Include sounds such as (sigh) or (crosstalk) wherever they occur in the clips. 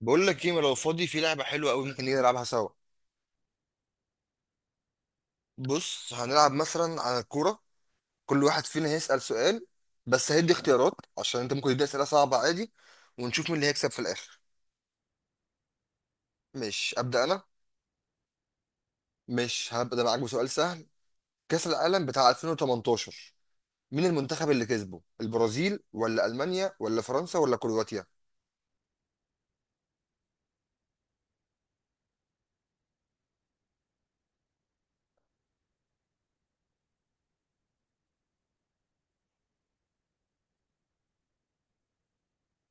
بقول لك ايه، ما لو فاضي في لعبه حلوه قوي ممكن نيجي نلعبها سوا. بص هنلعب مثلا على الكوره. كل واحد فينا هيسال سؤال بس هيدي اختيارات، عشان انت ممكن تدي اسئله صعبه عادي. ونشوف مين اللي هيكسب في الاخر. مش ابدا انا. مش هبدا معاك بسؤال سهل. كاس العالم بتاع 2018، مين المنتخب اللي كسبه؟ البرازيل ولا المانيا ولا فرنسا ولا كرواتيا؟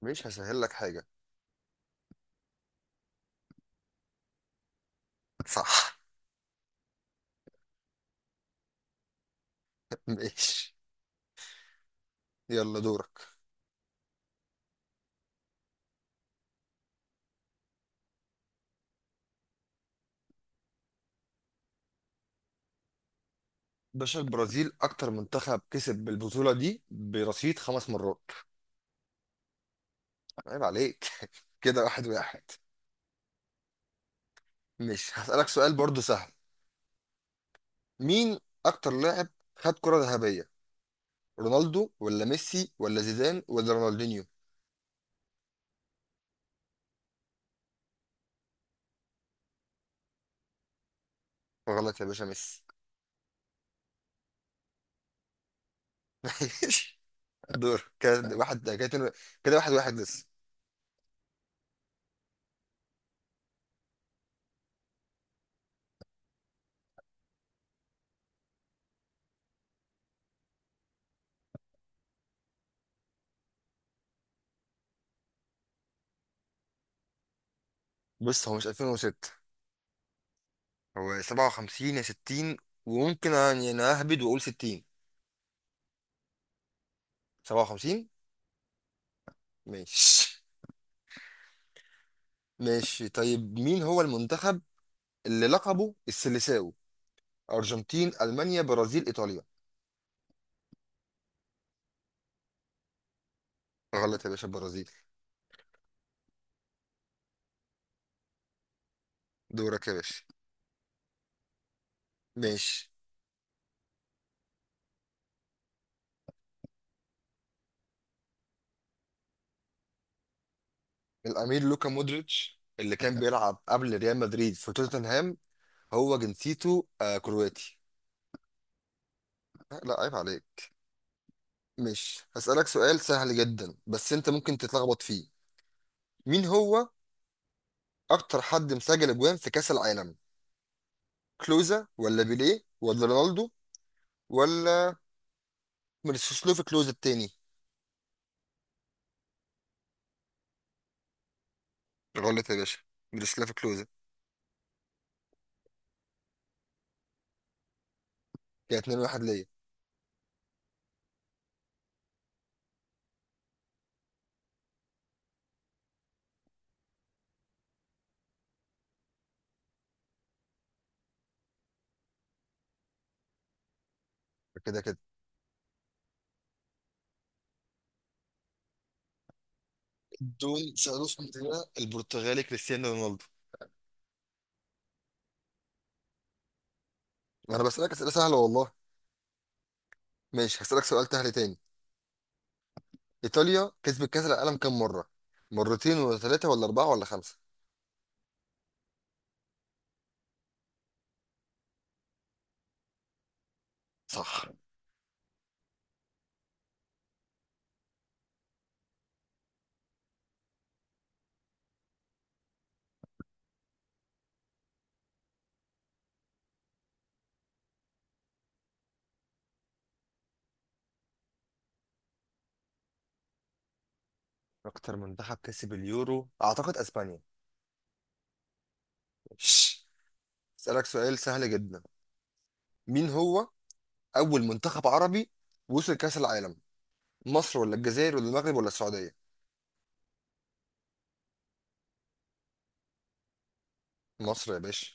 مش هسهل لك حاجه. صح. (laughs) ماشي، يلا دورك. باشا، البرازيل اكتر منتخب كسب بالبطوله دي برصيد خمس مرات. عيب عليك. (laughs) كده واحد واحد. مش هسألك سؤال برضو سهل. مين أكتر لاعب خد كرة ذهبية؟ رونالدو ولا ميسي ولا زيدان ولا رونالدينيو؟ غلط يا باشا، ميسي. (laughs) ماشي، دور. كده واحد كده كده واحد واحد لسه. بص، هو مش 2006، هو 57 يا 60. وممكن يعني أنا أهبد وأقول 60. 57. ماشي. (laughs) ماشي، طيب مين هو المنتخب اللي لقبه السيليساو؟ أرجنتين، ألمانيا، برازيل، إيطاليا؟ غلط يا باشا، البرازيل. دورك يا باشا. ماشي. الأمير لوكا مودريتش اللي كان بيلعب قبل ريال مدريد في توتنهام، هو جنسيته آه كرواتي. لا، عيب عليك. مش هسألك سؤال سهل جدا بس أنت ممكن تتلخبط فيه. مين هو أكتر حد مسجل أجوان في كأس العالم؟ كلوزا ولا بيليه ولا رونالدو ولا ميروسلاف كلوزا التاني؟ غلط يا باشا، ميروسلاف كلوزا. كده 2 1 ليا. كده كده. دون سألوش من؟ البرتغالي كريستيانو رونالدو. انا بسألك أسئلة سهلة والله. ماشي، هسألك سؤال سهل تاني. إيطاليا كسبت كأس العالم كام مرة؟ مرتين ولا ثلاثة ولا أربعة ولا خمسة؟ صح. اكتر منتخب كسب اليورو اعتقد اسبانيا. شش. أسألك سؤال سهل جدا. مين هو أول منتخب عربي وصل كأس العالم؟ مصر ولا الجزائر ولا المغرب ولا السعودية؟ مصر يا باشا.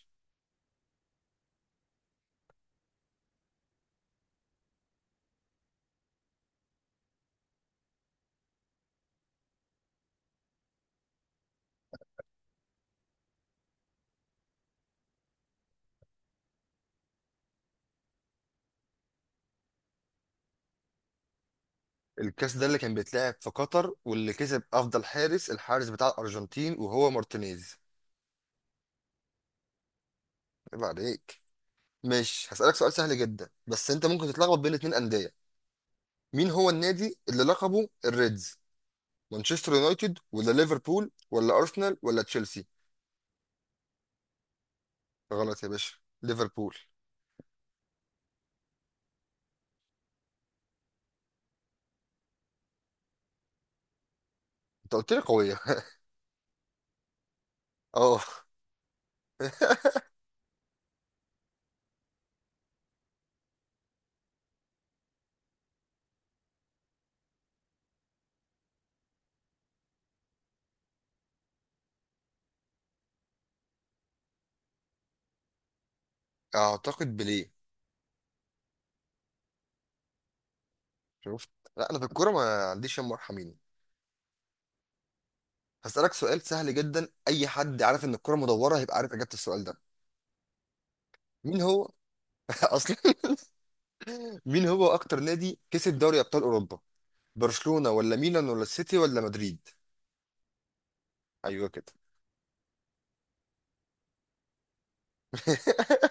الكأس ده اللي كان بيتلعب في قطر واللي كسب أفضل حارس، الحارس بتاع الأرجنتين وهو مارتينيز. عيب عليك. ماشي، هسألك سؤال سهل جدا بس أنت ممكن تتلخبط بين اتنين أندية. مين هو النادي اللي لقبه الريدز؟ مانشستر يونايتد ولا ليفربول ولا ارسنال ولا تشيلسي؟ غلط يا باشا، ليفربول. انت قلت لي قويه. (laughs) اه. اعتقد بليه. شفت؟ لا، انا في الكوره ما عنديش يا مرحمين. هسألك سؤال سهل جدا، اي حد عارف ان الكوره مدوره هيبقى عارف اجابه السؤال ده. مين هو (laughs) اصلا مين هو اكتر نادي كسب دوري ابطال اوروبا؟ برشلونه ولا ميلان ولا السيتي ولا مدريد؟ ايوه كده. (laughs)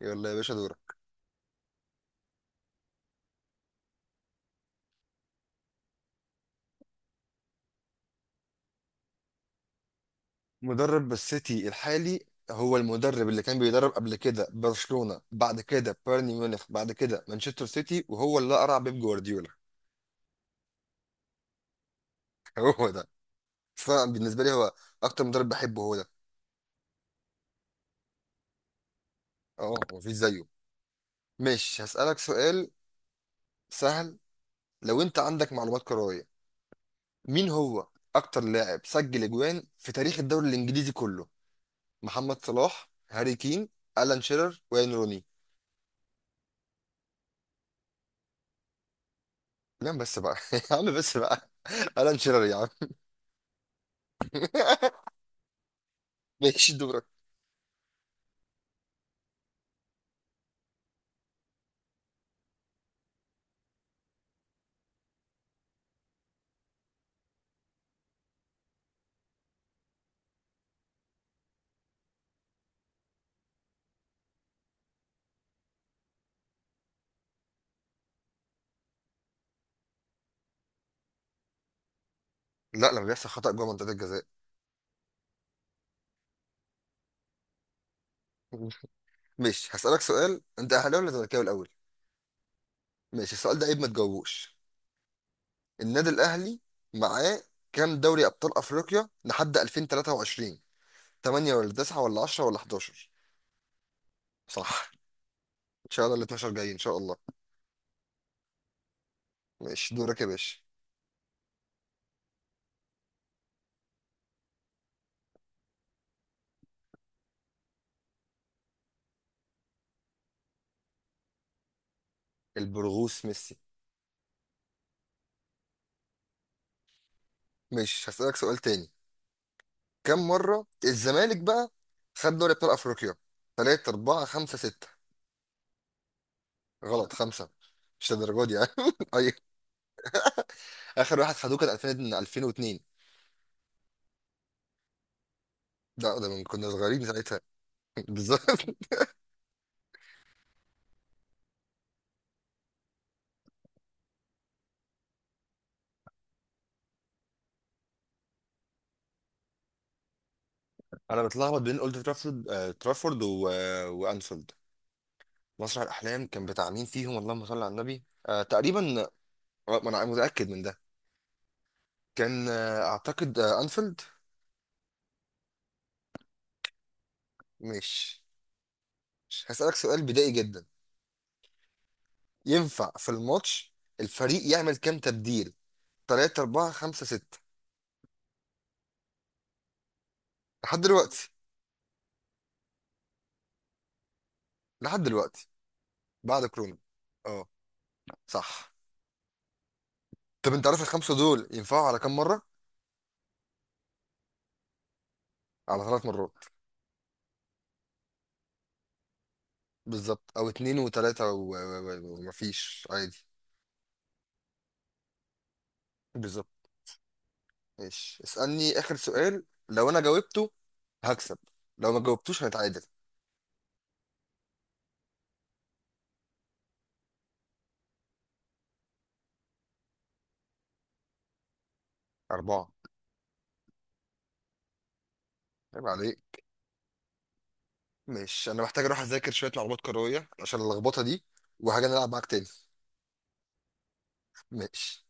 يلا يا باشا، دورك. مدرب السيتي الحالي هو المدرب اللي كان بيدرب قبل كده برشلونة، بعد كده بايرن ميونخ، بعد كده مانشستر سيتي، وهو اللي قرع بيب جوارديولا. (laughs) هو ده. فبالنسبة لي هو أكتر مدرب بحبه هو ده. اه مفيش زيه. ماشي، هسألك سؤال سهل. لو أنت عندك معلومات كروية، مين هو أكتر لاعب سجل أجوان في تاريخ الدوري الإنجليزي كله؟ محمد صلاح، هاري كين، ألان شيرر، وين روني؟ لا بس بقى (laughs) يا عم بس بقى. ألان شيرر يا عم. (laughs) ماشي، دور. لا، لما بيحصل خطأ جوه منطقة الجزاء. (laughs) ماشي، هسألك سؤال. انت اهلاوي ولا زملكاوي الاول؟ ماشي، السؤال ده عيب ما تجاوبوش. النادي الاهلي معاه كام دوري ابطال افريقيا لحد 2023؟ 8 ولا 9 ولا 10 ولا 11؟ صح. ان شاء الله ال 12 جايين ان شاء الله. ماشي دورك يا باشا. البرغوث ميسي. ماشي، هسألك سؤال تاني. كم مرة الزمالك بقى خد دوري ابطال افريقيا؟ 3 4 5 6؟ غلط، 5. مش للدرجة دي يعني. (laughs) أي- اخر واحد خدوه كان 2000 2002. لا ده من كنا صغيرين ساعتها. (laughs) بالظبط. انا بتلخبط بين اولد ترافورد، آه ترافورد، آه وانفيلد. مسرح الاحلام كان بتاع مين فيهم؟ اللهم صل على النبي. آه تقريبا. آه، ما انا متاكد من ده. كان آه اعتقد آه انفيلد. مش مش هسالك سؤال بدائي جدا. ينفع في الماتش الفريق يعمل كام تبديل؟ 3 4 5 6؟ لحد دلوقتي. لحد دلوقتي. بعد كورونا. اه. صح. طب انت عارف الخمسه دول ينفعوا على كام مره؟ على ثلاث مرات. بالظبط، او اتنين وتلاتة ومفيش عادي. بالظبط. ماشي، اسألني اخر سؤال، لو انا جاوبته هكسب، لو ما جاوبتوش هنتعادل. اربعة. عيب عليك. ماشي، انا محتاج اروح اذاكر شوية معلومات كروية عشان اللخبطة دي، وهاجي نلعب معاك تاني. ماشي.